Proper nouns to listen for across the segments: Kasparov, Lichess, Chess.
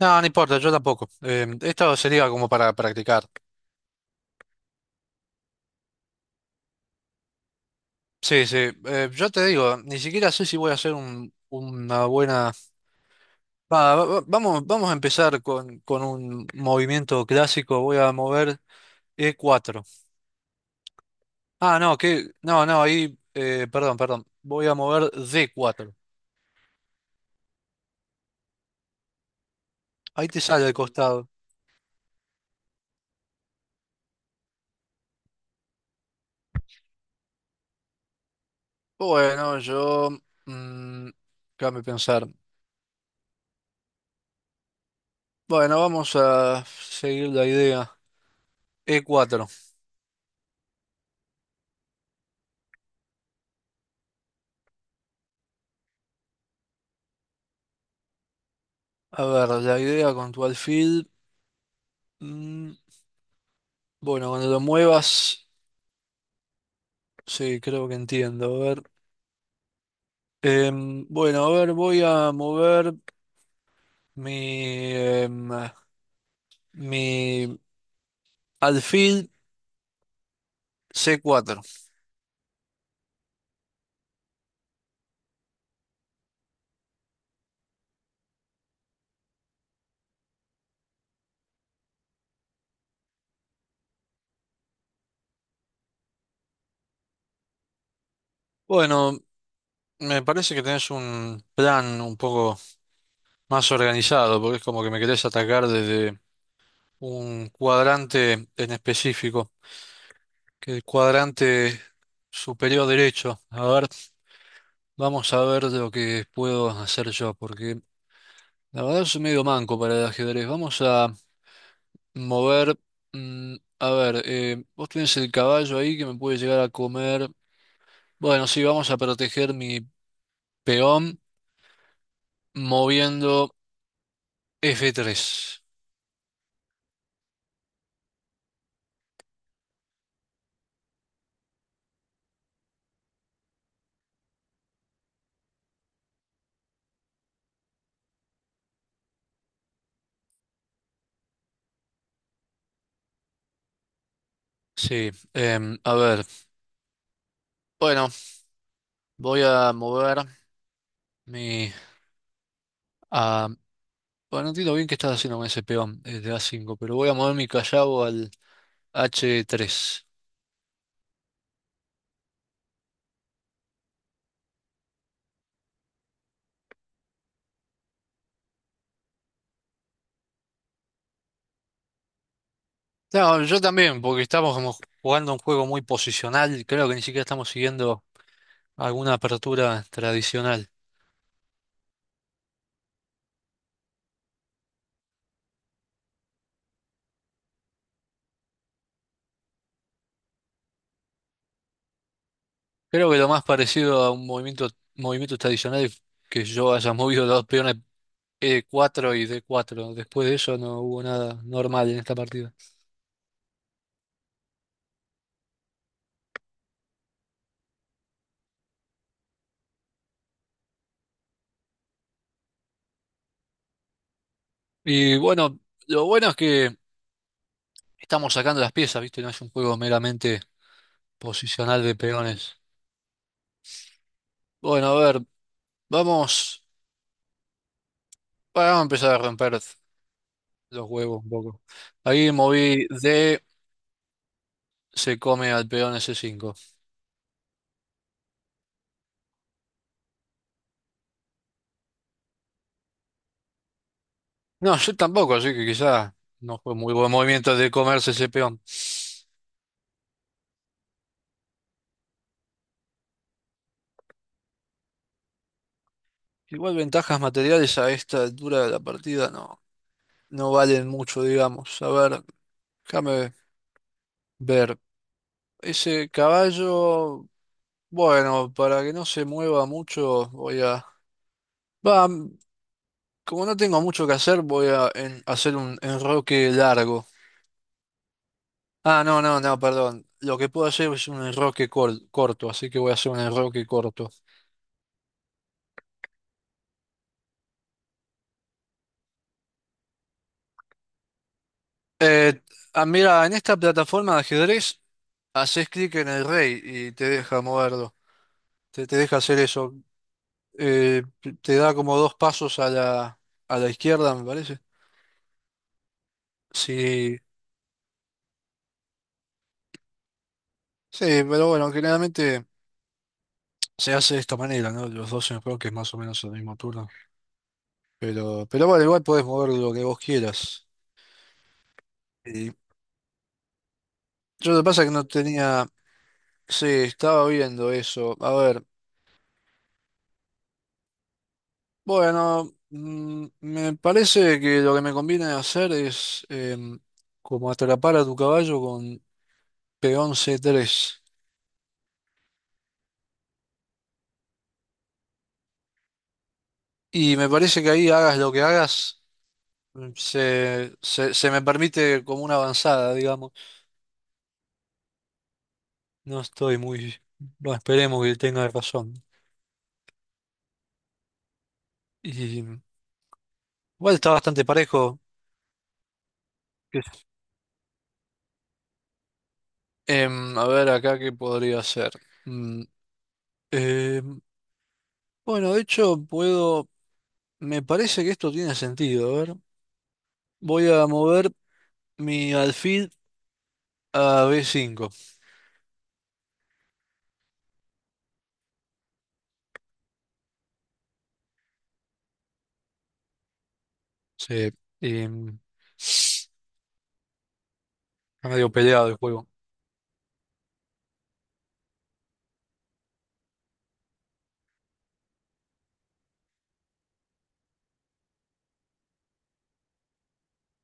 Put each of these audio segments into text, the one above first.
No, no importa, yo tampoco. Esto sería como para practicar. Sí, sí. Yo te digo, ni siquiera sé si voy a hacer una buena... Vamos a empezar con un movimiento clásico. Voy a mover e cuatro. Ah, no, que... No, no, ahí... perdón, perdón. Voy a mover d cuatro. Ahí te sale al costado. Bueno, yo... mm, déjame pensar. Bueno, vamos a seguir la idea. E cuatro. A ver, la idea con tu alfil. Mm, bueno, cuando lo muevas, sí, creo que entiendo. A ver. Bueno, a ver, voy a mover mi, em, mi alfil c cuatro. Bueno, me parece que tenés un plan un poco más organizado, porque es como que me querés atacar desde un cuadrante en específico, que el cuadrante superior derecho. A ver, vamos a ver lo que puedo hacer yo, porque la verdad es medio manco para el ajedrez. Vamos a mover. A ver, vos tenés el caballo ahí que me puede llegar a comer. Bueno, sí, vamos a proteger mi peón moviendo f tres. Sí, a ver. Bueno, voy a mover mi... a- bueno, no entiendo bien qué estás haciendo con ese peón desde a cinco, pero voy a mover mi callado al h tres. No, yo también, porque estamos como jugando un juego muy posicional. Creo que ni siquiera estamos siguiendo alguna apertura tradicional. Creo que lo más parecido a un movimiento, movimiento tradicional es que yo haya movido los dos peones E4 y D4. Después de eso no hubo nada normal en esta partida. Y bueno, lo bueno es que estamos sacando las piezas, ¿viste? No es un juego meramente posicional de peones. Bueno, a ver, vamos, bueno, vamos a empezar a romper los huevos un poco. Ahí moví D, se come al peón S5. No, yo tampoco, así que quizá no fue muy buen movimiento de comerse ese peón. Igual ventajas materiales a esta altura de la partida no, no valen mucho, digamos. A ver, déjame ver. Ese caballo, bueno, para que no se mueva mucho, voy a... Va, como no tengo mucho que hacer, voy a hacer un enroque largo. Ah, no, no, no, perdón. Lo que puedo hacer es un enroque corto, así que voy a hacer un enroque corto. Eh, ah, mira, en esta plataforma de ajedrez haces clic en el rey y te deja moverlo, te deja hacer eso. Te da como dos pasos a la izquierda, me parece. Sí, sí, pero bueno, generalmente se hace de esta manera, ¿no? Los dos en que es más o menos el mismo turno. Pero bueno, igual podés mover lo que vos quieras. Y yo lo que pasa es que no tenía... Sí, estaba viendo eso. A ver. Bueno, me parece que lo que me conviene hacer es como atrapar a tu caballo con peón c tres. Y me parece que ahí hagas lo que hagas, se me permite como una avanzada, digamos. No estoy muy... No esperemos que tenga razón. Y igual está bastante parejo. ¿Qué sé yo? A ver acá qué podría hacer. Mm, em, bueno, de hecho puedo... Me parece que esto tiene sentido. A ver, voy a mover... Mi alfil a b cinco. Sí. Y, está medio peleado el juego.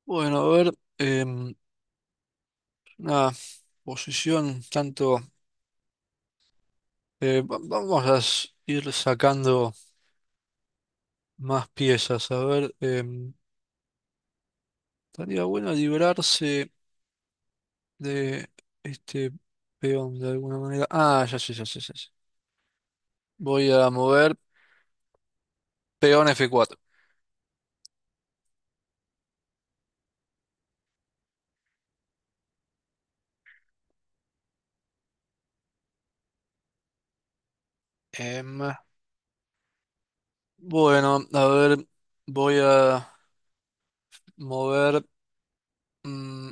Bueno, a ver. em, una posición tanto. Vamos a ir sacando más piezas. A ver. Estaría bueno librarse de este peón de alguna manera. Ah, ya sé, ya sé, ya sé. Voy a mover peón f cuatro. Em, bueno, a ver. Voy a mover. mm,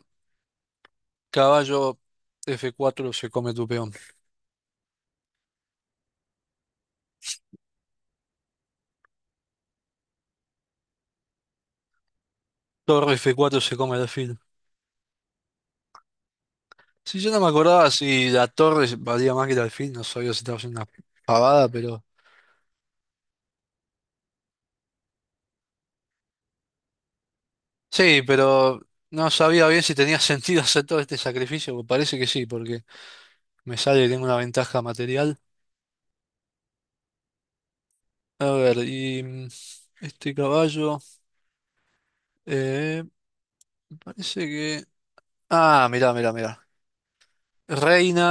Caballo f cuatro se come tu peón. Torre f cuatro se come el alfil. Si yo no me acordaba si la torre valía más que el alfil, no sabía si estaba haciendo una pavada, pero... Sí, pero no sabía bien si tenía sentido hacer todo este sacrificio, pues parece que sí, porque me sale que tengo una ventaja material. A ver, y este caballo... eh, parece que... Ah, mirá, mirá, mirá. Reina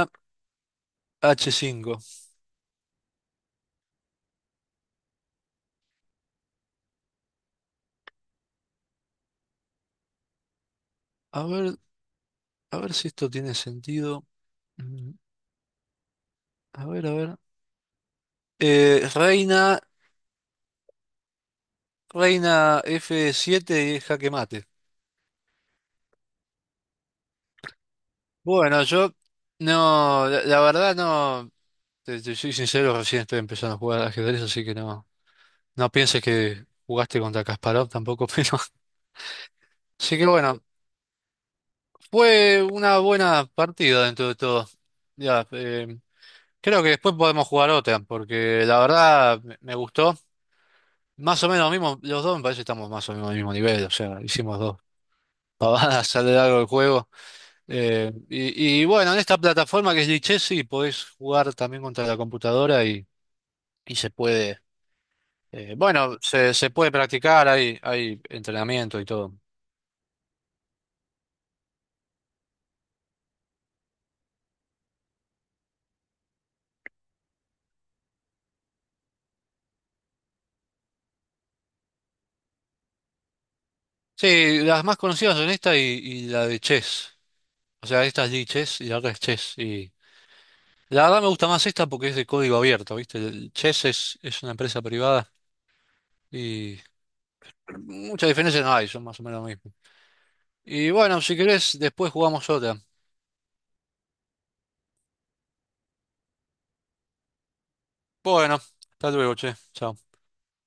h cinco. A ver, a ver si esto tiene sentido. Mm, a ver, a ver. Eh, reina, reina F7 y jaque mate. Bueno, yo no, la verdad no, te soy sincero, recién estoy empezando a jugar al ajedrez, así que no, no pienses que jugaste contra Kasparov tampoco, pero así que bueno, fue una buena partida dentro de todo. Ya, creo que después podemos jugar otra, porque la verdad me gustó. Más o menos lo mismo, los dos me parece que estamos más o menos al mismo nivel, o sea, hicimos dos pavadas a lo largo del juego. Y bueno, en esta plataforma que es Lichess, sí, podés jugar también contra la computadora y se puede, bueno, se puede practicar, hay entrenamiento y todo. Sí, las más conocidas son esta y la de Chess. O sea, esta es Lichess y la otra es Chess. Y la verdad me gusta más esta porque es de código abierto, ¿viste? El Chess es una empresa privada y muchas diferencias no hay, son más o menos lo mismo. Y bueno, si querés, después jugamos otra. Bueno, hasta luego, che. Chao.